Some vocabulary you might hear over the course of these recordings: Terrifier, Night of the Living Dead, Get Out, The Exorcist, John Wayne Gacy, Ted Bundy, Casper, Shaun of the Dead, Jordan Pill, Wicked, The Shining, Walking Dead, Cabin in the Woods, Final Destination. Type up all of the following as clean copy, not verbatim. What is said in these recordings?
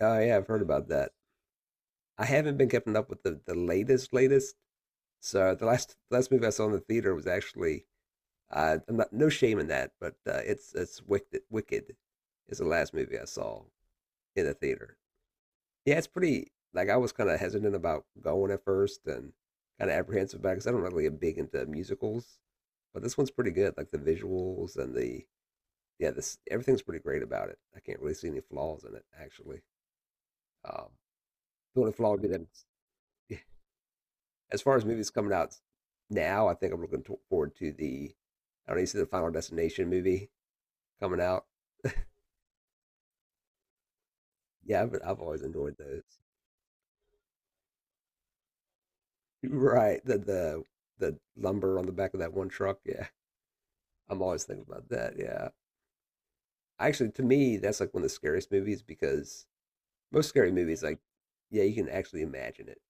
Oh yeah, I've heard about that. I haven't been keeping up with the latest. So the last movie I saw in the theater was actually I'm not no shame in that, but it's Wicked. Wicked is the last movie I saw in the theater. Yeah, it's pretty. Like I was kind of hesitant about going at first and kind of apprehensive about because I'm not really big into musicals, but this one's pretty good. Like the visuals and the yeah, this everything's pretty great about it. I can't really see any flaws in it actually. Um, the only flaw would be that it's as far as movies coming out now, I think I'm looking forward to the I don't know, you see the Final Destination movie coming out. Yeah, but I've always enjoyed those. Right, the the lumber on the back of that one truck. Yeah, I'm always thinking about that. Yeah, actually, to me, that's like one of the scariest movies because most scary movies, like, yeah, you can actually imagine it.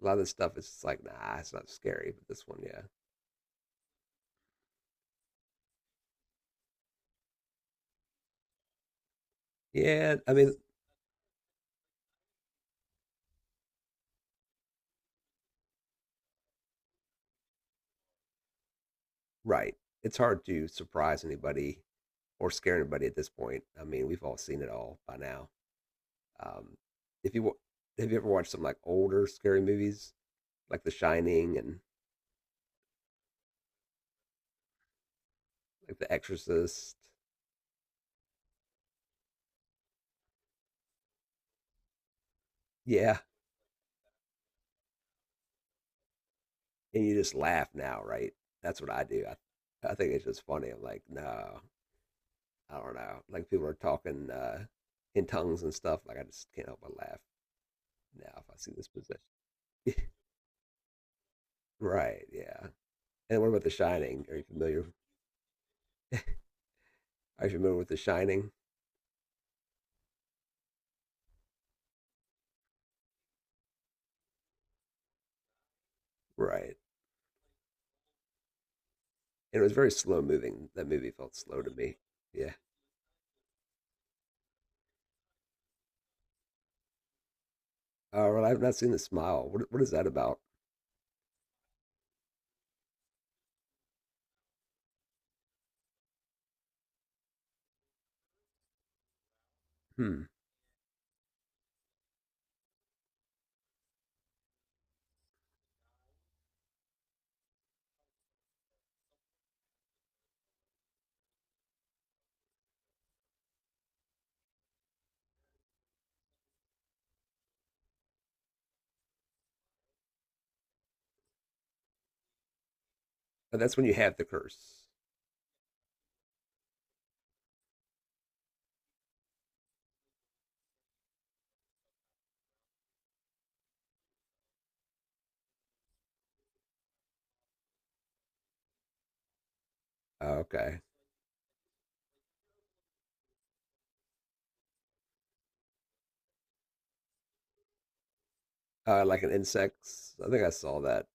A lot of the stuff is just like, nah, it's not scary, but this one, yeah, yeah. I mean, right, it's hard to surprise anybody or scare anybody at this point. I mean, we've all seen it all by now. Um, if you have you ever watched some like older scary movies, like The Shining and like The Exorcist, yeah, and you just laugh now, right? That's what I do. I think it's just funny. I'm like, no, I don't know. Like people are talking in tongues and stuff. Like I just can't help but laugh now if I see this possession. right? Yeah. And what about The Shining? Are you familiar? Are you familiar with The Shining? Right. It was very slow moving. That movie felt slow to me. Yeah. Oh, well, I've not seen the smile. What is that about? Hmm. Oh, that's when you have the curse. Oh, okay. Like an insects. I think I saw that.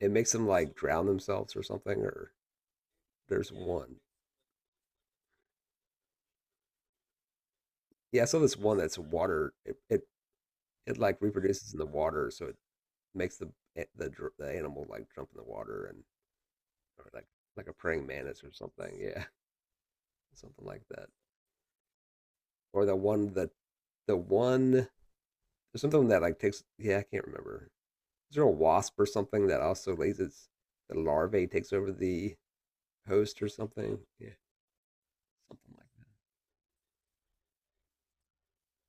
It makes them like drown themselves or something. Or there's one. Yeah, I saw this one that's water. It like reproduces in the water, so it makes the the the animal like jump in the water and or like a praying mantis or something. Yeah, something like that. Or the one there's something that like takes. Yeah, I can't remember. Is there a wasp or something that also lays its the larvae takes over the host or something? Yeah, something like that,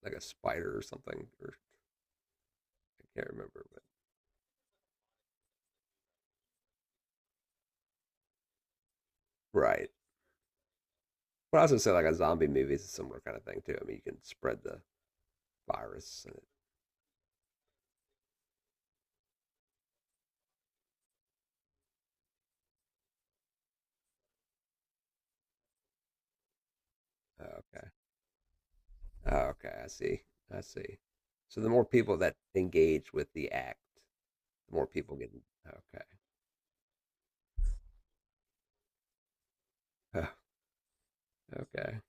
like a spider or something. Or I can't remember, but right. But I also say like a zombie movie is a similar kind of thing too. I mean, you can spread the virus. And it, oh, okay, oh, okay, I see, I see. So the more people that engage with the act, the more people get. Okay, oh, okay,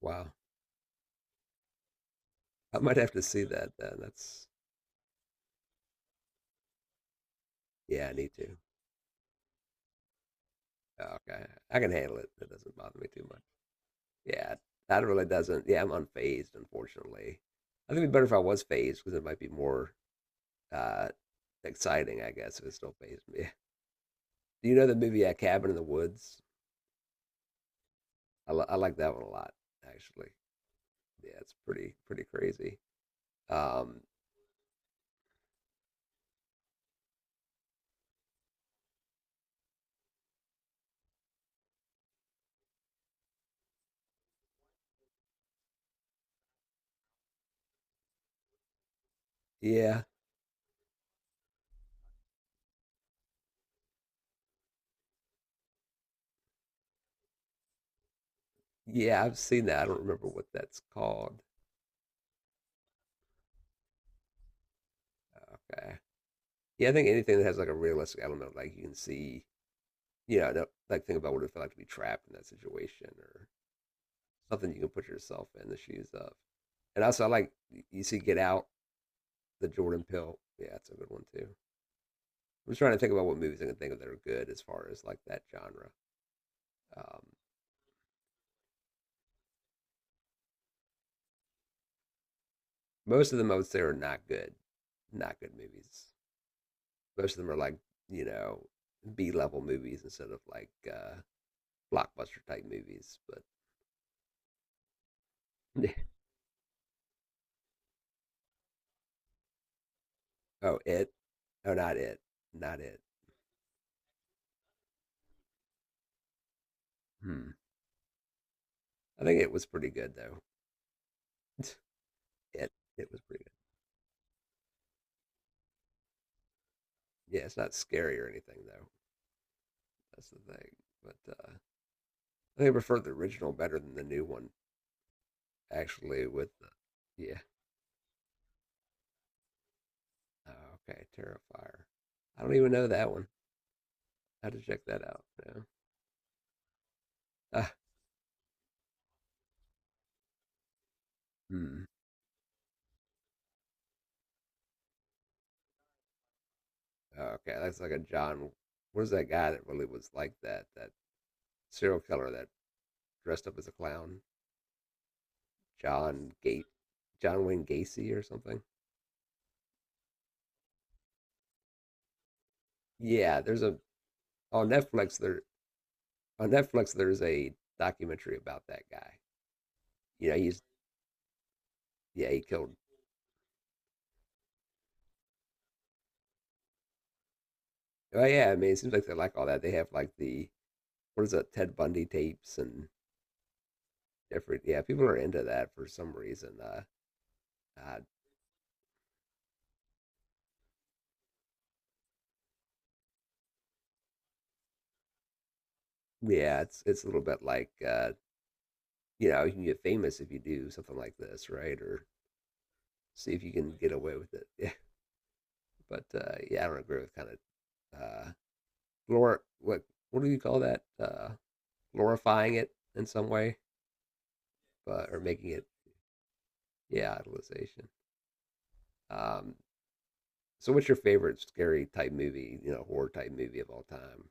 wow. I might have to see that then. That's yeah, I need to. Oh, okay, I can handle it. It doesn't bother me too much. Yeah, that really doesn't. Yeah, I'm unfazed, unfortunately. I think it'd be better if I was phased because it might be more uh, exciting, I guess, if it still phased me. Do you know the movie Cabin in the Woods? I I like that one a lot, actually. Yeah, it's pretty crazy. Um, yeah, yeah, I've seen that. I don't remember what that's called. Okay. Yeah, I think anything that has like a realistic element, like you can see, you know, no- like think about what it felt like to be trapped in that situation, or something you can put yourself in the shoes of. And also, I like you see Get Out, the Jordan Pill. Yeah, that's a good one too. I'm just trying to think about what movies I can think of that are good as far as like that genre. Um, Most of them, I would say, are not good movies. Most of them are like you know B level movies instead of like blockbuster type movies. But oh, it, oh, not it, not it. Hmm. I think it was pretty good though. it, it was pretty good. Yeah, it's not scary or anything though. That's the thing. But I think I preferred the original better than the new one. Actually, with the, yeah. Oh, okay, Terrifier. I don't even know that one. I have to check that out. Yeah. Ah, hmm. Okay, that's like a John. What is that guy that really was like that? That serial killer that dressed up as a clown, John Gate, John Wayne Gacy or something. Yeah, there's a on Netflix. There on Netflix there's a documentary about that guy. You know, he's yeah he killed Oh yeah, I mean, it seems like they like all that. They have like the what is that Ted Bundy tapes and different. Yeah, people are into that for some reason. Uh yeah, it's a little bit like you know, you can get famous if you do something like this, right? Or see if you can get away with it. Yeah, but yeah, I don't agree with kind of glor what do you call that? Glorifying it in some way, but or making it yeah, idolization. Um, so what's your favorite scary type movie? You know, horror type movie of all time?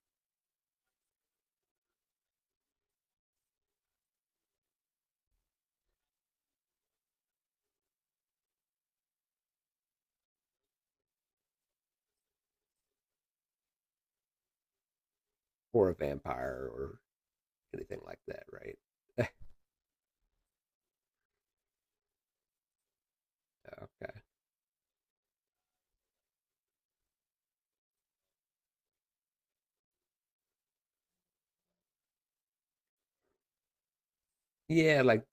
For a vampire or anything like that, right? Okay. Yeah,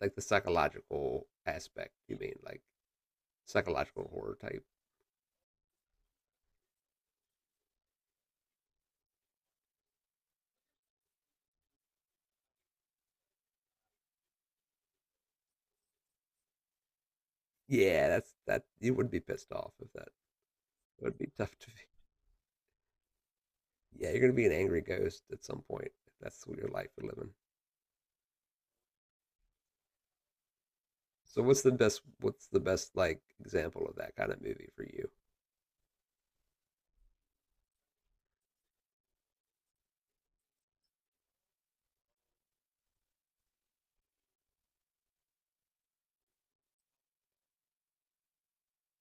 like the psychological aspect. You mean like psychological horror type? Yeah, that's that. You would be pissed off if that. It would be tough to. Be. Yeah, you're gonna be an angry ghost at some point. If that's what your life you're living. So what's the best? What's the best like example of that kind of movie for you?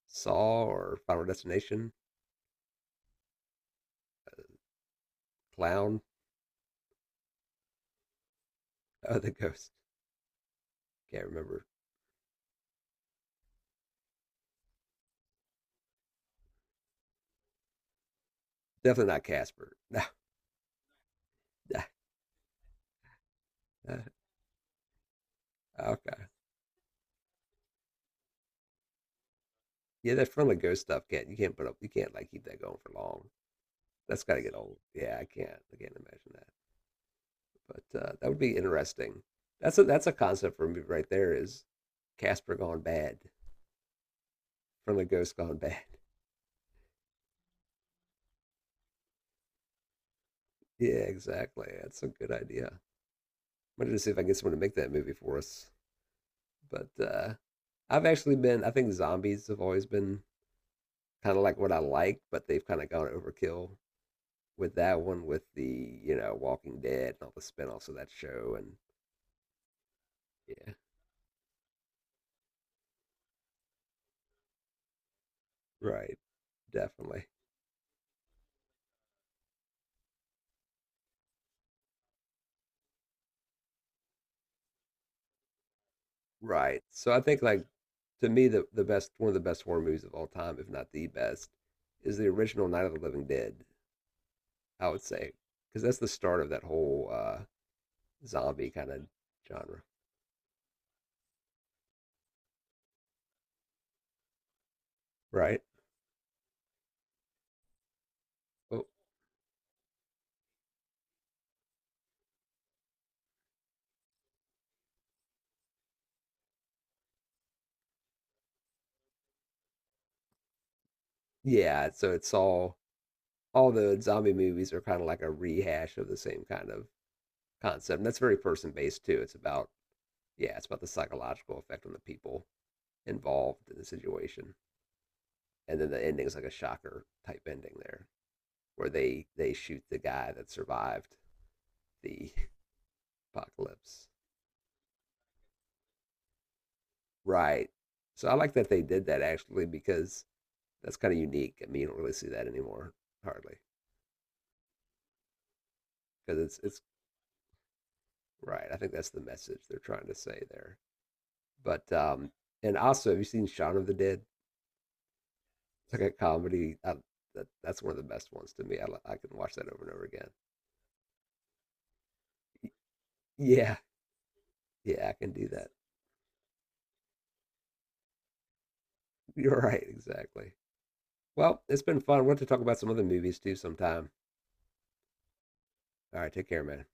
Saw or Final Destination? Clown? Oh, the ghost. Can't remember. Definitely not Casper. No. okay. Yeah, that front of ghost stuff can't you can't put up you can't like keep that going for long. That's got to get old. Yeah, I can't. I can't imagine that. But that would be interesting. That's a concept for me right there. Is Casper gone bad? Front of ghost gone bad? Yeah, exactly. That's a good idea. I'm gonna see if I can get someone to make that movie for us. But I've actually been. I think zombies have always been kind of like what I like, but they've kind of gone overkill with that one, with the you know Walking Dead and all the spin-offs of that show, and yeah, right. Definitely. Right. So I think like to me the best one of the best horror movies of all time, if not the best, is the original Night of the Living Dead, I would say. Because that's the start of that whole zombie kind of genre. Right? Oh, yeah, so it's all the zombie movies are kind of like a rehash of the same kind of concept. And that's very person based too. It's about yeah, it's about the psychological effect on the people involved in the situation. And then the ending's like a shocker type ending there, where they shoot the guy that survived the apocalypse. Right. So I like that they did that actually because that's kind of unique. I mean, you don't really see that anymore hardly because it's right. I think that's the message they're trying to say there. But and also, have you seen Shaun of the Dead? It's like a comedy. I, that that's one of the best ones to me. I can watch that over and over again. Yeah, yeah, I can do that. You're right, exactly. Well, it's been fun. We'll have to talk about some other movies too sometime. All right, take care, man.